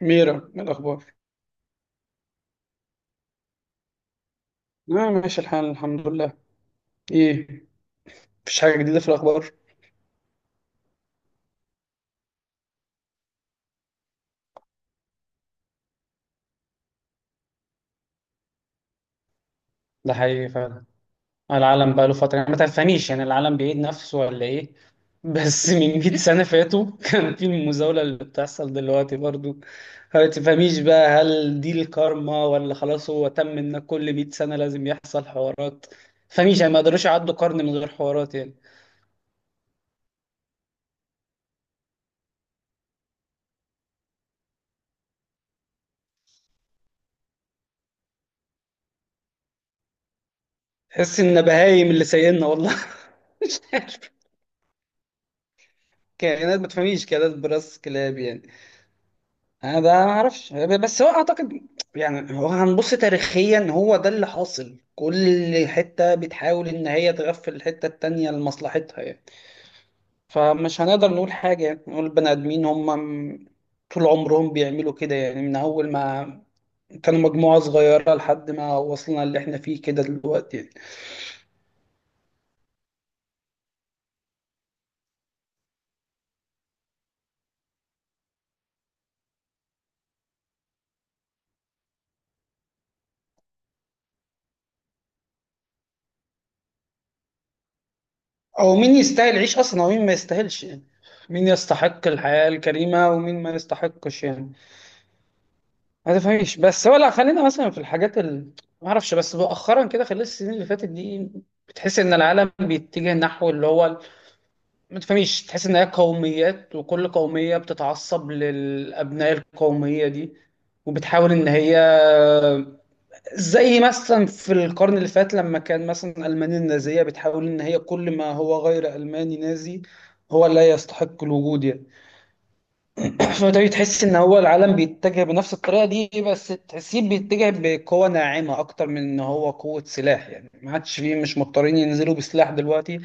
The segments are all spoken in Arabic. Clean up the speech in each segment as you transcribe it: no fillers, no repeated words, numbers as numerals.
ميرا، إيه الأخبار؟ آه، ماشي الحال، الحمد لله. إيه، مفيش حاجة جديدة في الأخبار؟ ده حقيقي فعلا. العالم بقى له فترة، يعني ما تفهميش، يعني العالم بيعيد نفسه ولا ايه؟ بس من 100 سنة فاتوا كان في المزاولة اللي بتحصل دلوقتي برضو. ما تفهميش بقى، هل دي الكارما ولا خلاص هو تم ان كل 100 سنة لازم يحصل حوارات؟ فمش يعني، ما قدروش يعدوا قرن من غير حوارات يعني. تحس ان بهايم اللي سايقنا والله. مش عارف، كائنات، ما تفهميش، كائنات براس كلاب يعني. انا ده ما اعرفش، بس هو اعتقد يعني، هو هنبص تاريخيا، هو ده اللي حاصل. كل حته بتحاول ان هي تغفل الحته التانيه لمصلحتها يعني. فمش هنقدر نقول حاجه، يعني نقول البني ادمين هم م- طول عمرهم بيعملوا كده يعني، من اول ما كانوا مجموعه صغيره لحد ما وصلنا اللي احنا فيه كده دلوقتي يعني. او مين يستاهل يعيش اصلا، ومين ما يستاهلش يعني. مين يستحق الحياه الكريمه، ومين ما يستحقش يعني. ما تفهميش، بس هو لا، خلينا مثلا في الحاجات ما اعرفش، بس مؤخرا كده خلال السنين اللي فاتت دي، بتحس ان العالم بيتجه نحو اللي هو ما تفهميش، تحس ان هي قوميات، وكل قوميه بتتعصب للابناء القوميه دي، وبتحاول ان هي، زي مثلا في القرن اللي فات، لما كان مثلا المانيا النازيه بتحاول ان هي كل ما هو غير الماني نازي هو لا يستحق الوجود يعني. فده تحس ان هو العالم بيتجه بنفس الطريقه دي، بس تحسيه بيتجه بقوه ناعمه اكتر من ان هو قوه سلاح يعني. ما عادش فيه، مش مضطرين ينزلوا بسلاح دلوقتي،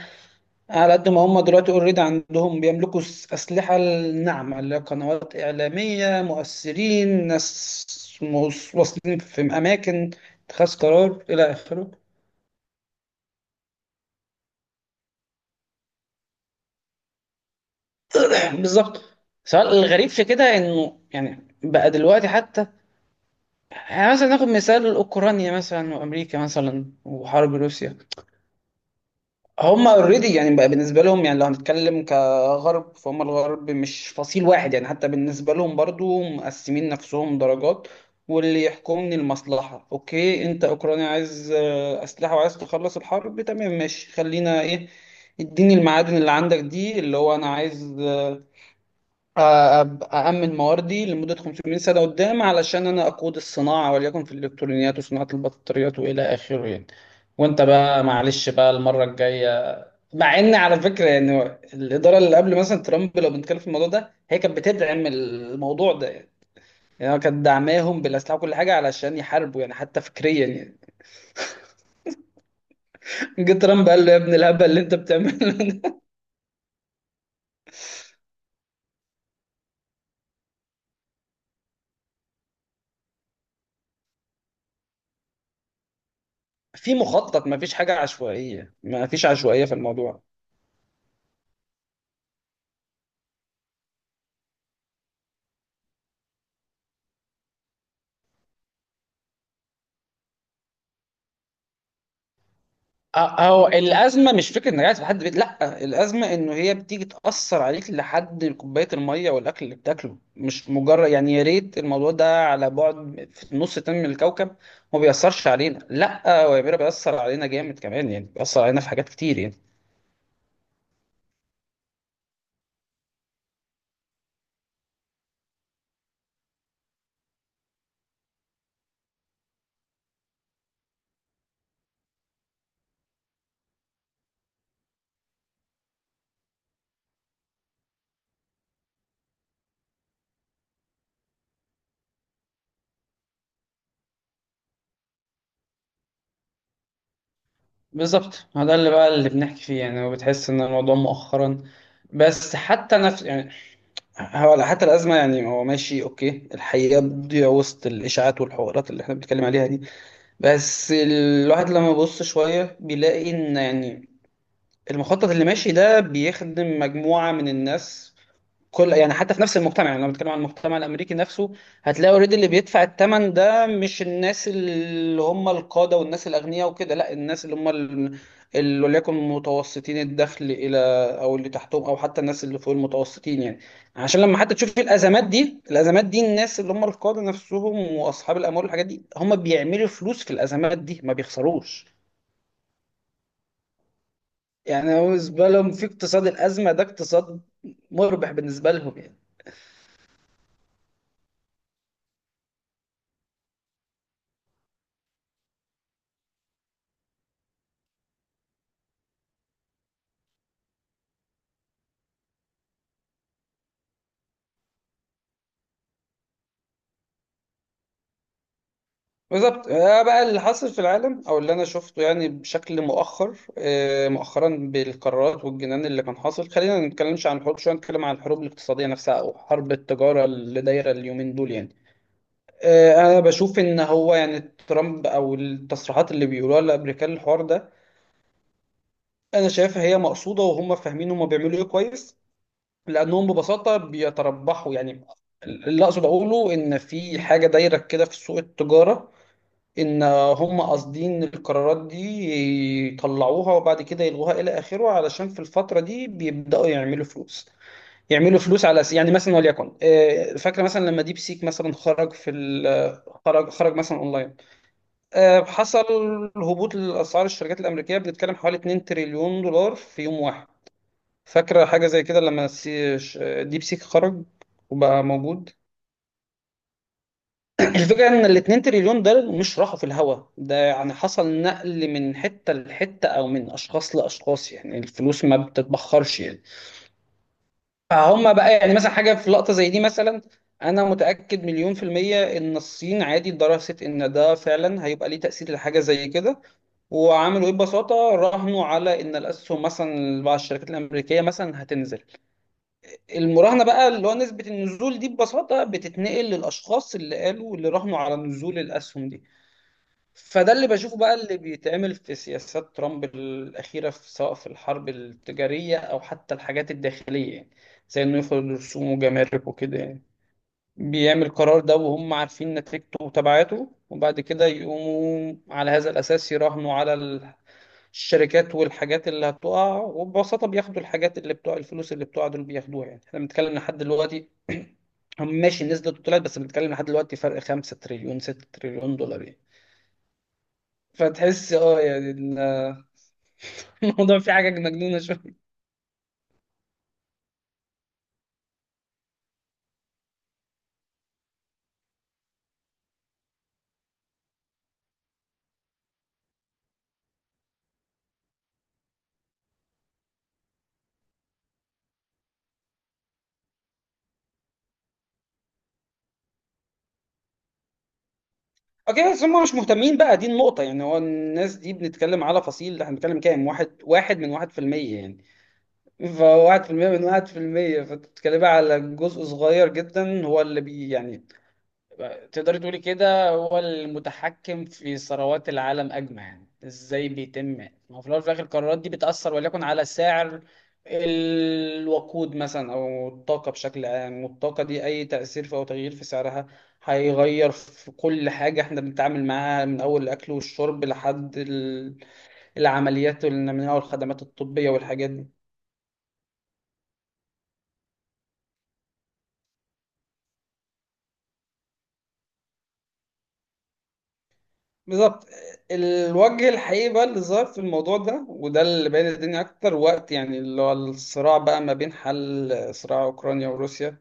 على قد ما هم دلوقتي اوريدي عندهم، بيملكوا اسلحه الناعمه اللي هي قنوات اعلاميه، مؤثرين، ناس واصلين في اماكن اتخاذ قرار الى اخره. بالظبط. سؤال الغريب في كده انه، يعني بقى دلوقتي حتى، يعني مثلا ناخد مثال اوكرانيا مثلا، وامريكا مثلا، وحرب روسيا. هم اوريدي يعني بقى بالنسبه لهم، يعني لو هنتكلم كغرب، فهم الغرب مش فصيل واحد يعني، حتى بالنسبه لهم برضو مقسمين نفسهم درجات. واللي يحكمني المصلحه. اوكي، انت اوكرانيا عايز آه، اسلحه، وعايز تخلص الحرب، تمام ماشي، خلينا ايه، اديني المعادن اللي عندك دي، اللي هو انا عايز أأمن مواردي لمدة 500 سنة قدام، علشان أنا أقود الصناعة وليكن في الإلكترونيات وصناعة البطاريات وإلى آخره يعني. وأنت بقى، معلش بقى المرة الجاية. مع إن على فكرة يعني، الإدارة اللي قبل مثلا ترامب، لو بنتكلم في الموضوع ده، هي كانت بتدعم الموضوع ده يعني. يعني هو كانت دعماهم بالأسلحة وكل حاجة علشان يحاربوا، يعني حتى فكريا يعني. جه ترامب قال له يا ابن الهبل اللي أنت بتعمله ده. في مخطط، ما فيش حاجة عشوائية، ما فيش عشوائية في الموضوع. اهو الازمه مش فكره ان قاعد في حد بيت، لا الازمه انه هي بتيجي تاثر عليك لحد كوبايه الميه والاكل اللي بتاكله، مش مجرد يعني يا ريت الموضوع ده على بعد في نص تاني من الكوكب ما بيأثرش علينا. لا هو يا بيرا بيأثر علينا جامد كمان، يعني بيأثر علينا في حاجات كتير يعني. بالظبط، ما ده اللي بقى اللي بنحكي فيه يعني. وبتحس ان الموضوع مؤخرا، بس حتى نفس يعني، هو حتى الازمه يعني، هو ماشي اوكي، الحقيقه بتضيع وسط الاشاعات والحوارات اللي احنا بنتكلم عليها دي. بس الواحد لما يبص شوية بيلاقي إن يعني المخطط اللي ماشي ده بيخدم مجموعة من الناس، كل يعني، حتى في نفس المجتمع، يعني لما بنتكلم عن المجتمع الامريكي نفسه، هتلاقي اوريدي اللي بيدفع الثمن ده مش الناس اللي هم القاده والناس الاغنياء وكده. لا، الناس اللي هم اللي وليكن متوسطين الدخل الى، او اللي تحتهم، او حتى الناس اللي فوق المتوسطين يعني. عشان لما حتى تشوف الازمات دي، الازمات دي الناس اللي هم القاده نفسهم واصحاب الاموال والحاجات دي، هم بيعملوا فلوس في الازمات دي، ما بيخسروش. يعني هو بالنسبه لهم في اقتصاد الازمه ده، اقتصاد مربح بالنسبه لهم يعني. بالظبط آه، بقى اللي حاصل في العالم او اللي انا شفته يعني بشكل مؤخر، آه، مؤخرا بالقرارات والجنان اللي كان حاصل. خلينا ما نتكلمش عن الحروب شويه، نتكلم عن الحروب الاقتصاديه نفسها، او حرب التجاره اللي دايره اليومين دول يعني. آه، انا بشوف ان هو يعني ترامب او التصريحات اللي بيقولوها الامريكان، الحوار ده انا شايفها هي مقصوده، وهم فاهمين هم بيعملوا ايه كويس. لانهم ببساطه بيتربحوا يعني. اللي اقصد اقوله ان في حاجه دايره كده في سوق التجاره، ان هم قاصدين القرارات دي يطلعوها، وبعد كده يلغوها الى اخره، علشان في الفتره دي بيبداوا يعملوا فلوس. يعملوا فلوس على يعني مثلا وليكن آه، فاكره مثلا لما ديب سيك مثلا خرج في ال- خرج خرج مثلا اونلاين. آه، حصل هبوط لاسعار الشركات الامريكيه، بنتكلم حوالي 2 تريليون دولار في يوم واحد. فاكره حاجه زي كده لما ديب سيك خرج وبقى موجود. الفكرة ان الاتنين تريليون دول مش راحوا في الهوا ده يعني، حصل نقل من حتة لحتة، او من اشخاص لاشخاص، يعني الفلوس ما بتتبخرش يعني. فهم بقى يعني مثلا حاجة في لقطة زي دي مثلا، انا متأكد مليون في المية ان الصين عادي درست ان ده فعلا هيبقى ليه تأثير لحاجة زي كده. وعملوا ايه؟ ببساطه راهنوا على ان الاسهم مثلا بعض الشركات الامريكيه مثلا هتنزل. المراهنه بقى اللي هو نسبه النزول دي ببساطه بتتنقل للاشخاص اللي قالوا، اللي راهنوا على نزول الاسهم دي. فده اللي بشوفه بقى اللي بيتعمل في سياسات ترامب الأخيرة، في سواء في الحرب التجارية أو حتى الحاجات الداخلية يعني. زي إنه يفرض رسوم وجمارك وكده يعني. بيعمل قرار ده وهم عارفين نتيجته وتبعاته، وبعد كده يقوموا على هذا الأساس يراهنوا على الشركات والحاجات اللي هتقع، وببساطة بياخدوا الحاجات اللي بتوع الفلوس اللي بتوع دول بياخدوها يعني. احنا بنتكلم لحد دلوقتي. هم ماشي، النسبة طلعت، بس بنتكلم لحد دلوقتي فرق 5 تريليون 6 تريليون دولار يعني. فتحس اه يعني الموضوع فيه حاجه مجنونه شويه. اوكي بس هم مش مهتمين بقى، دي النقطه يعني، هو الناس دي بنتكلم على فصيل، احنا بنتكلم كام؟ واحد واحد من واحد في المية يعني، فواحد في المية من واحد في المية، فبتتكلم على جزء صغير جدا هو اللي بي يعني تقدري تقولي كده هو المتحكم في ثروات العالم أجمع يعني. ازاي بيتم؟ ما هو في الأول وفي الآخر القرارات دي بتأثر وليكن على سعر الوقود مثلا أو الطاقة بشكل عام، والطاقة دي أي تأثير في أو تغيير في سعرها هيغير في كل حاجة احنا بنتعامل معاها، من أول الأكل والشرب لحد العمليات والنموية والخدمات الطبية والحاجات دي. بالظبط. الوجه الحقيقي بقى اللي ظهر في الموضوع ده، وده اللي بين الدنيا اكتر وقت، يعني اللي هو الصراع بقى ما بين حل صراع اوكرانيا وروسيا.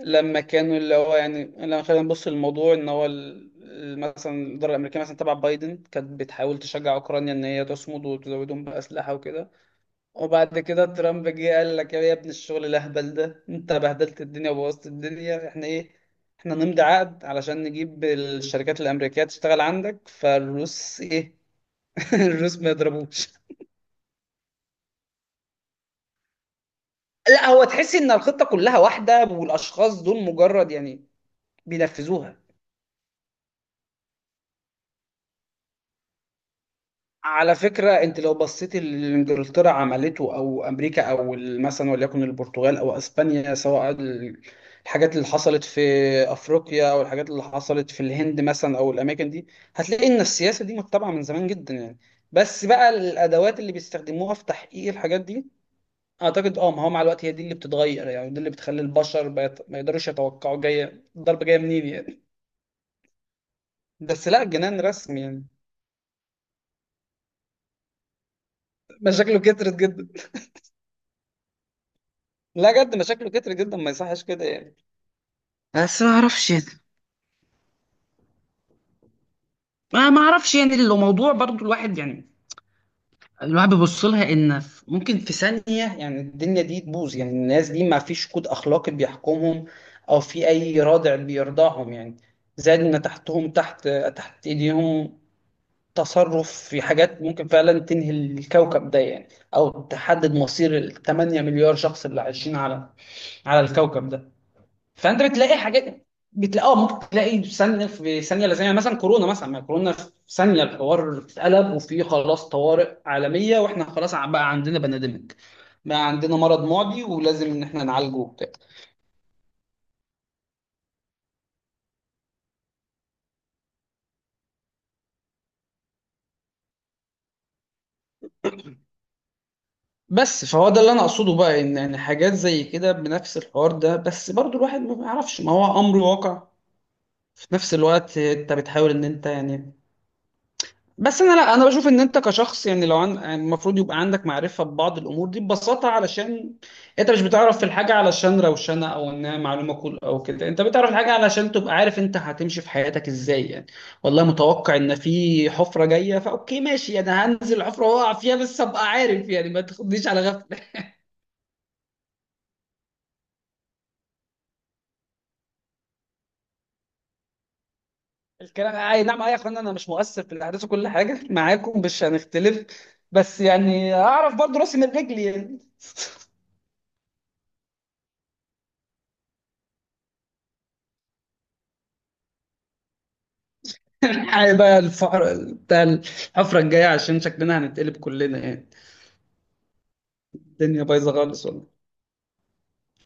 لما كانوا اللي هو يعني لما خلينا نبص للموضوع ان هو مثلا الاداره الامريكيه مثلا تبع بايدن كانت بتحاول تشجع اوكرانيا ان هي تصمد وتزودهم باسلحه وكده. وبعد كده ترامب جه قال لك يا ابن الشغل الاهبل ده، انت بهدلت الدنيا وبوظت الدنيا، احنا ايه، احنا نمضي عقد علشان نجيب الشركات الامريكيه تشتغل عندك، فالروس ايه؟ الروس ما يضربوش. لا هو تحس ان الخطه كلها واحده، والاشخاص دول مجرد يعني بينفذوها. على فكرة انت لو بصيت اللي انجلترا عملته او امريكا او مثلا وليكن البرتغال او اسبانيا، سواء الحاجات اللي حصلت في افريقيا، او الحاجات اللي حصلت في الهند مثلا، او الاماكن دي، هتلاقي ان السياسة دي متبعة من زمان جدا يعني. بس بقى الادوات اللي بيستخدموها في تحقيق الحاجات دي، اعتقد اه، ما هو مع الوقت هي دي اللي بتتغير، يعني دي اللي بتخلي البشر ما يقدروش يتوقعوا جاية الضربة جاية منين يعني. بس لا الجنان رسمي يعني، مشاكله كترت جدا. لا جد مشاكله كترت جدا، ما يصحش كده يعني. بس ما اعرفش يعني، ما اعرفش يعني لو موضوع برضو الواحد يعني، الواحد بيبص لها ان ممكن في ثانية يعني الدنيا دي تبوظ يعني، الناس دي ما فيش كود اخلاقي بيحكمهم، او في اي رادع بيرضعهم يعني، زائد ان تحتهم، تحت ايديهم تصرف في حاجات ممكن فعلا تنهي الكوكب ده يعني، او تحدد مصير ال 8 مليار شخص اللي عايشين على الكوكب ده. فانت بتلاقي حاجات، بتلاقي اه ممكن تلاقي ثانيه في ثانيه، لا ثانيه، مثلا كورونا مثلا، ما كورونا في ثانيه الحوار اتقلب، وفي خلاص طوارئ عالميه، واحنا خلاص بقى عندنا بانديميك، بقى عندنا مرض معدي، ولازم ان احنا نعالجه وبتاع. بس فهو ده اللي انا اقصده بقى، ان حاجات زي كده بنفس الحوار ده، بس برضو الواحد ما بيعرفش، ما هو امر واقع. في نفس الوقت انت بتحاول ان انت يعني، بس انا لا انا بشوف ان انت كشخص يعني لو يعني المفروض يبقى عندك معرفه ببعض الامور دي ببساطه، علشان انت مش بتعرف في الحاجه علشان روشنه او انها معلومه كل او كده، انت بتعرف الحاجه علشان تبقى عارف انت هتمشي في حياتك ازاي يعني. والله متوقع ان في حفره جايه، فاوكي ماشي انا هنزل الحفره واقع فيها، بس ابقى عارف يعني، ما تاخدنيش على غفله. الكلام اي نعم اي، يا اخوانا انا مش مؤثر في الاحداث وكل حاجه معاكم، مش هنختلف، بس يعني اعرف برضو راسي من رجلي يعني. الحقيقة بقى الفقر بتاع الحفرة الجاية، عشان شكلنا هنتقلب كلنا يعني. الدنيا بايظة خالص والله.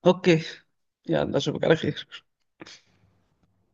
اوكي، يلا اشوفك على خير.